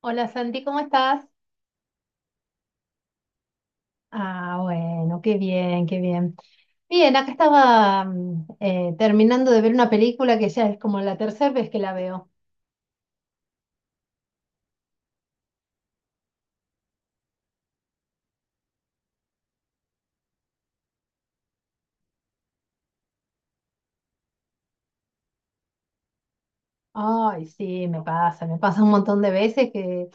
Hola Santi, ¿cómo estás? Ah, bueno, qué bien, qué bien. Bien, acá estaba terminando de ver una película que ya es como la tercera vez que la veo. Ay, sí, me pasa un montón de veces que,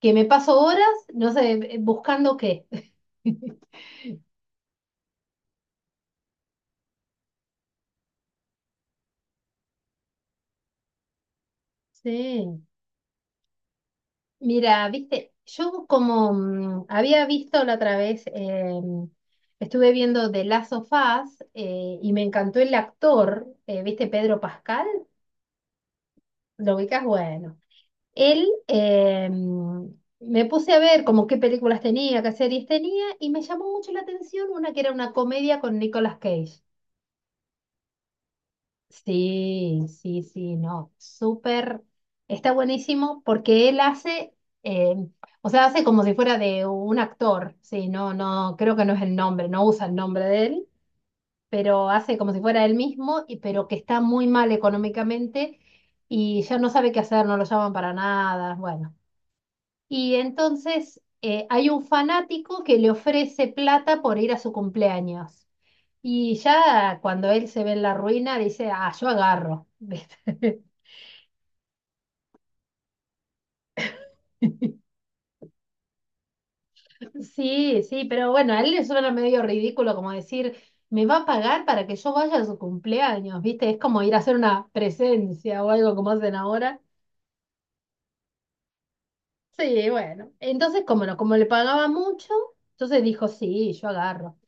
que me paso horas, no sé, buscando qué. Sí, mira, viste, yo como había visto la otra vez, estuve viendo The Last of Us, y me encantó el actor, viste, Pedro Pascal. Lo ubicas, bueno. Él, me puse a ver como qué películas tenía, qué series tenía, y me llamó mucho la atención una que era una comedia con Nicolas Cage. Sí, sí, sí, no, súper, está buenísimo porque él hace, eh, o sea, hace como si fuera de un actor, sí, no, no, creo que no es el nombre, no usa el nombre de él, pero hace como si fuera él mismo, y pero que está muy mal económicamente y ya no sabe qué hacer, no lo llaman para nada, bueno. Y entonces hay un fanático que le ofrece plata por ir a su cumpleaños. Y ya cuando él se ve en la ruina, dice, ah, yo agarro. ¿Viste? Sí, sí, pero bueno, a él le suena medio ridículo como decir, me va a pagar para que yo vaya a su cumpleaños, ¿viste? Es como ir a hacer una presencia o algo como hacen ahora. Sí, bueno. Entonces, como no, como le pagaba mucho, entonces dijo, sí, yo agarro.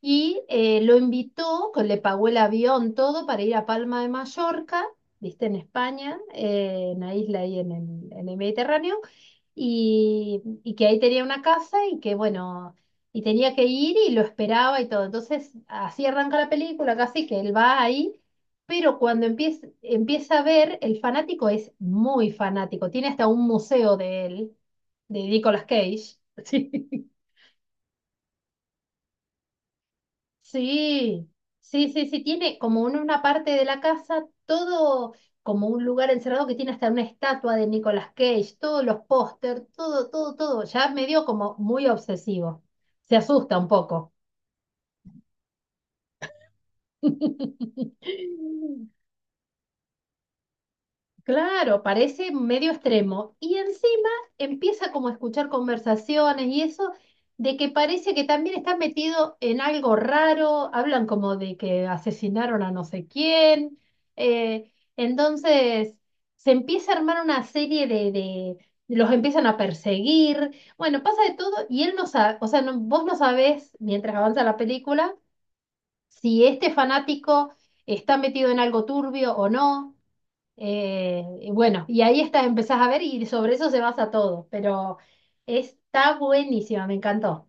Y lo invitó, que le pagó el avión, todo, para ir a Palma de Mallorca, viste, en España, en la isla ahí en el Mediterráneo, y que ahí tenía una casa y que, bueno, y tenía que ir y lo esperaba y todo. Entonces, así arranca la película, casi que él va ahí, pero cuando empieza, empieza a ver, el fanático es muy fanático, tiene hasta un museo de él, de Nicolas Cage. Sí. Sí, sí, sí, sí, tiene como en una parte de la casa todo como un lugar encerrado que tiene hasta una estatua de Nicolas Cage, todos los póster, todo, todo, todo, ya medio como muy obsesivo. Se asusta un poco. Claro, parece medio extremo. Y encima empieza como a escuchar conversaciones y eso, de que parece que también está metido en algo raro, hablan como de que asesinaron a no sé quién. eh, entonces se empieza a armar una serie los empiezan a perseguir. Bueno, pasa de todo y él no sabe, o sea, vos no sabés, mientras avanza la película, si este fanático está metido en algo turbio o no. Y bueno, y ahí está, empezás a ver y sobre eso se basa todo, pero está buenísima, me encantó.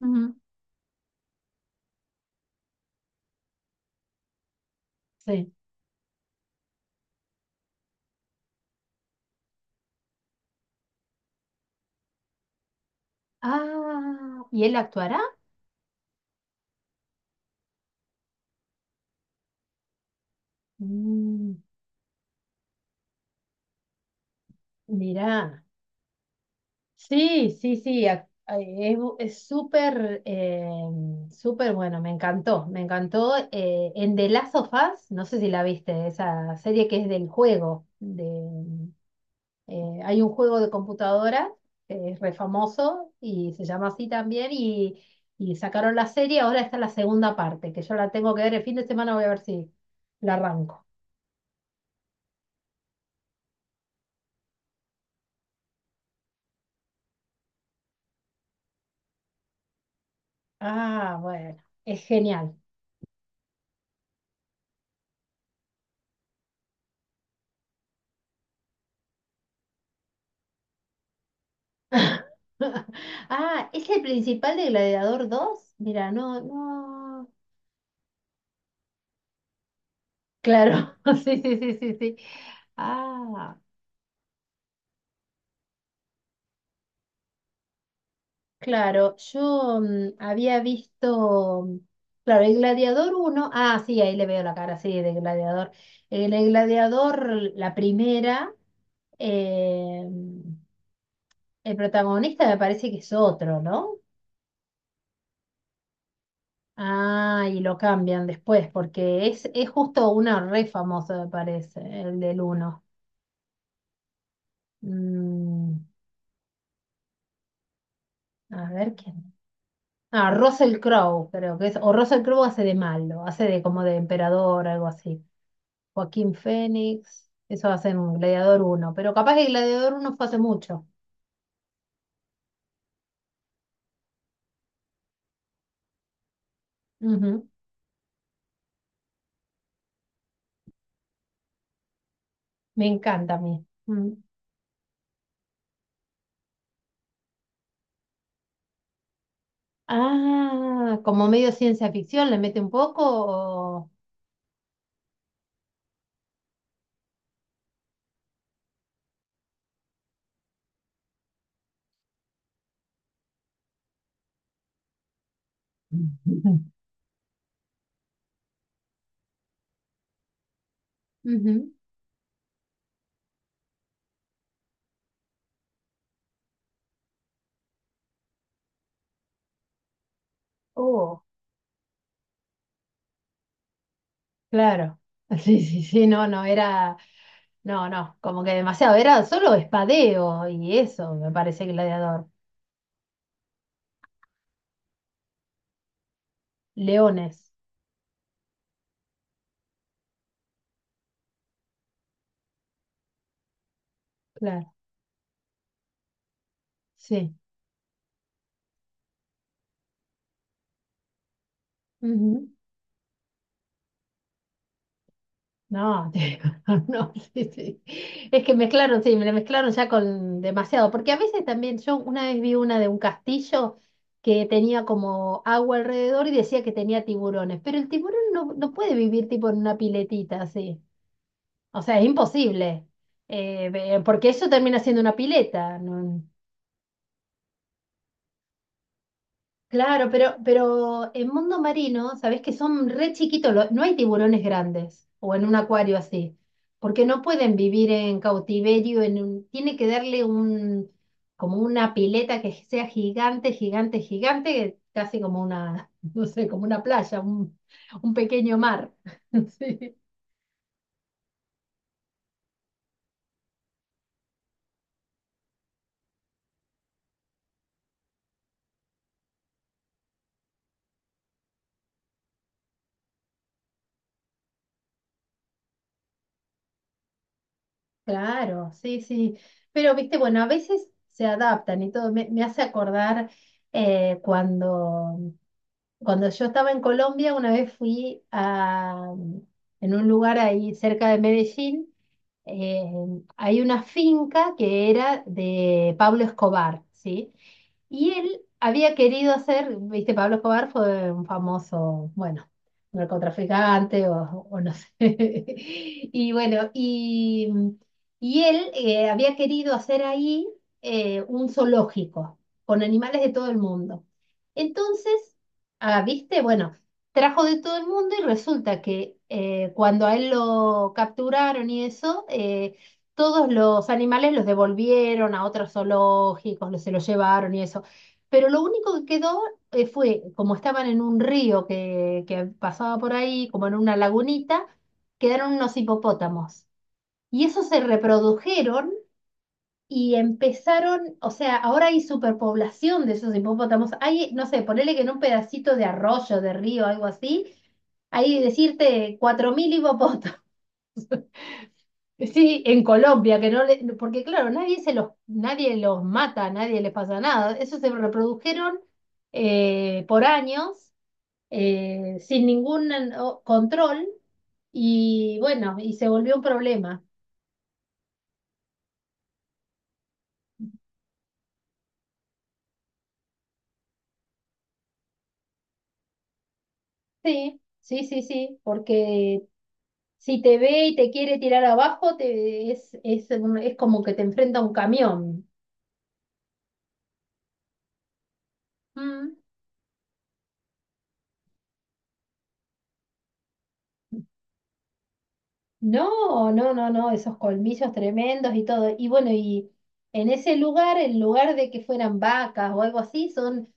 Ujú. Sí. Ah, ¿y él actuará? Mm, mirá. Sí, sí, sí, es súper, súper bueno, me encantó, me encantó. En The Last of Us, no sé si la viste, esa serie que es del juego, de... hay un juego de computadora que es re famoso y se llama así también, y sacaron la serie, ahora está la segunda parte, que yo la tengo que ver el fin de semana, voy a ver si la arranco. Ah, bueno, es genial. Ah, ¿es el principal de Gladiador dos? Mira, no, no. Claro, sí, sí, sí, sí, sí. Ah. Claro, yo había visto, claro, el Gladiador uno, ah, sí, ahí le veo la cara, sí, de Gladiador. En el Gladiador, la primera, eh, mm, el protagonista me parece que es otro, ¿no? Ah, y lo cambian después, porque es justo una re famosa, me parece, el del uno. Mm, a ver quién. Ah, Russell Crowe, creo que es, o Russell Crowe hace de malo, hace de como de emperador, algo así. Joaquín Fénix, eso va a ser un Gladiador uno. Pero capaz que Gladiador uno fue hace mucho. Ujú. Me encanta a mí. Mm. Ah, como medio ciencia ficción, ¿le mete un poco? o- Ujú. Ujú. Oh, claro. Sí, sí, sí, no, no, era, no, no, como que demasiado, era solo espadeo y eso, me parece Gladiador. Leones, claro, sí. Ujú. No, te- no, sí, sí. Es que mezclaron, sí, me la mezclaron ya con demasiado. Porque a veces también, yo una vez vi una de un castillo que tenía como agua alrededor y decía que tenía tiburones. Pero el tiburón no, no puede vivir tipo en una piletita así. O sea, es imposible. Porque eso termina siendo una pileta, ¿no? Claro, pero en mundo marino, sabés que son re chiquitos, no hay tiburones grandes o en un acuario así, porque no pueden vivir en cautiverio, en un, tiene que darle un, como una pileta que sea gigante, gigante, gigante, casi como una, no sé, como una playa, un pequeño mar. Sí. Claro, sí, sí. Pero, viste, bueno, a veces se adaptan y todo. Me hace acordar cuando cuando yo estaba en Colombia, una vez fui a, en un lugar ahí cerca de Medellín, eh, hay una finca que era de Pablo Escobar, ¿sí? Y él había querido hacer, viste, Pablo Escobar fue un famoso, bueno, narcotraficante o no sé. Y bueno, y él había querido hacer ahí un zoológico con animales de todo el mundo. Entonces... Ah, ¿viste? Bueno, trajo de todo el mundo y resulta que cuando a él lo capturaron y eso, todos los animales los devolvieron a otros zoológicos, se los llevaron y eso. Pero lo único que quedó, fue, como estaban en un río que pasaba por ahí, como en una lagunita, quedaron unos hipopótamos. Y esos se reprodujeron y empezaron, o sea, ahora hay superpoblación de esos hipopótamos. Hay, no sé, ponele que en un pedacito de arroyo, de río, algo así, hay decirte 4.000 hipopótamos. Sí, en Colombia, que no le, porque claro, nadie se los, nadie los mata, nadie les pasa nada. Esos se reprodujeron por años, sin ningún o, control, y bueno, y se volvió un problema. Sí, sí, sí, sí, porque si te ve y te quiere tirar abajo, te, es, es como que te enfrenta a un camión. Mm. No, no, no, no, esos colmillos tremendos y todo. Y bueno, y en ese lugar, en lugar de que fueran vacas o algo así, son,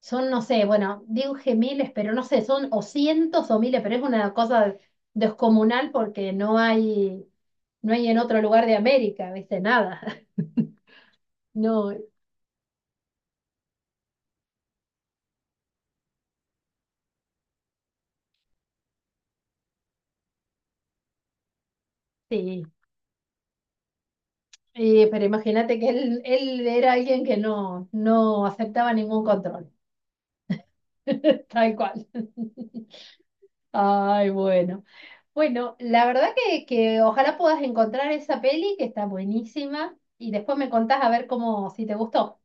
son, no sé, bueno, dije miles, pero no sé, son o cientos o miles, pero es una cosa descomunal porque no hay, no hay en otro lugar de América, ¿viste? Nada. No, sí. Y, pero imagínate que él era alguien que no, no aceptaba ningún control, tal cual. Ay, bueno. Bueno, la verdad que ojalá puedas encontrar esa peli que está buenísima y después me contás a ver cómo, si te gustó.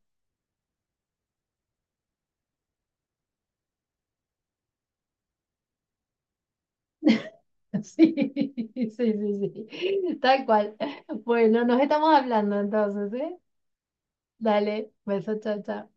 Sí, sí, sí, sí. Tal cual. Bueno, nos estamos hablando entonces, ¿eh? Dale, beso, chao, chao.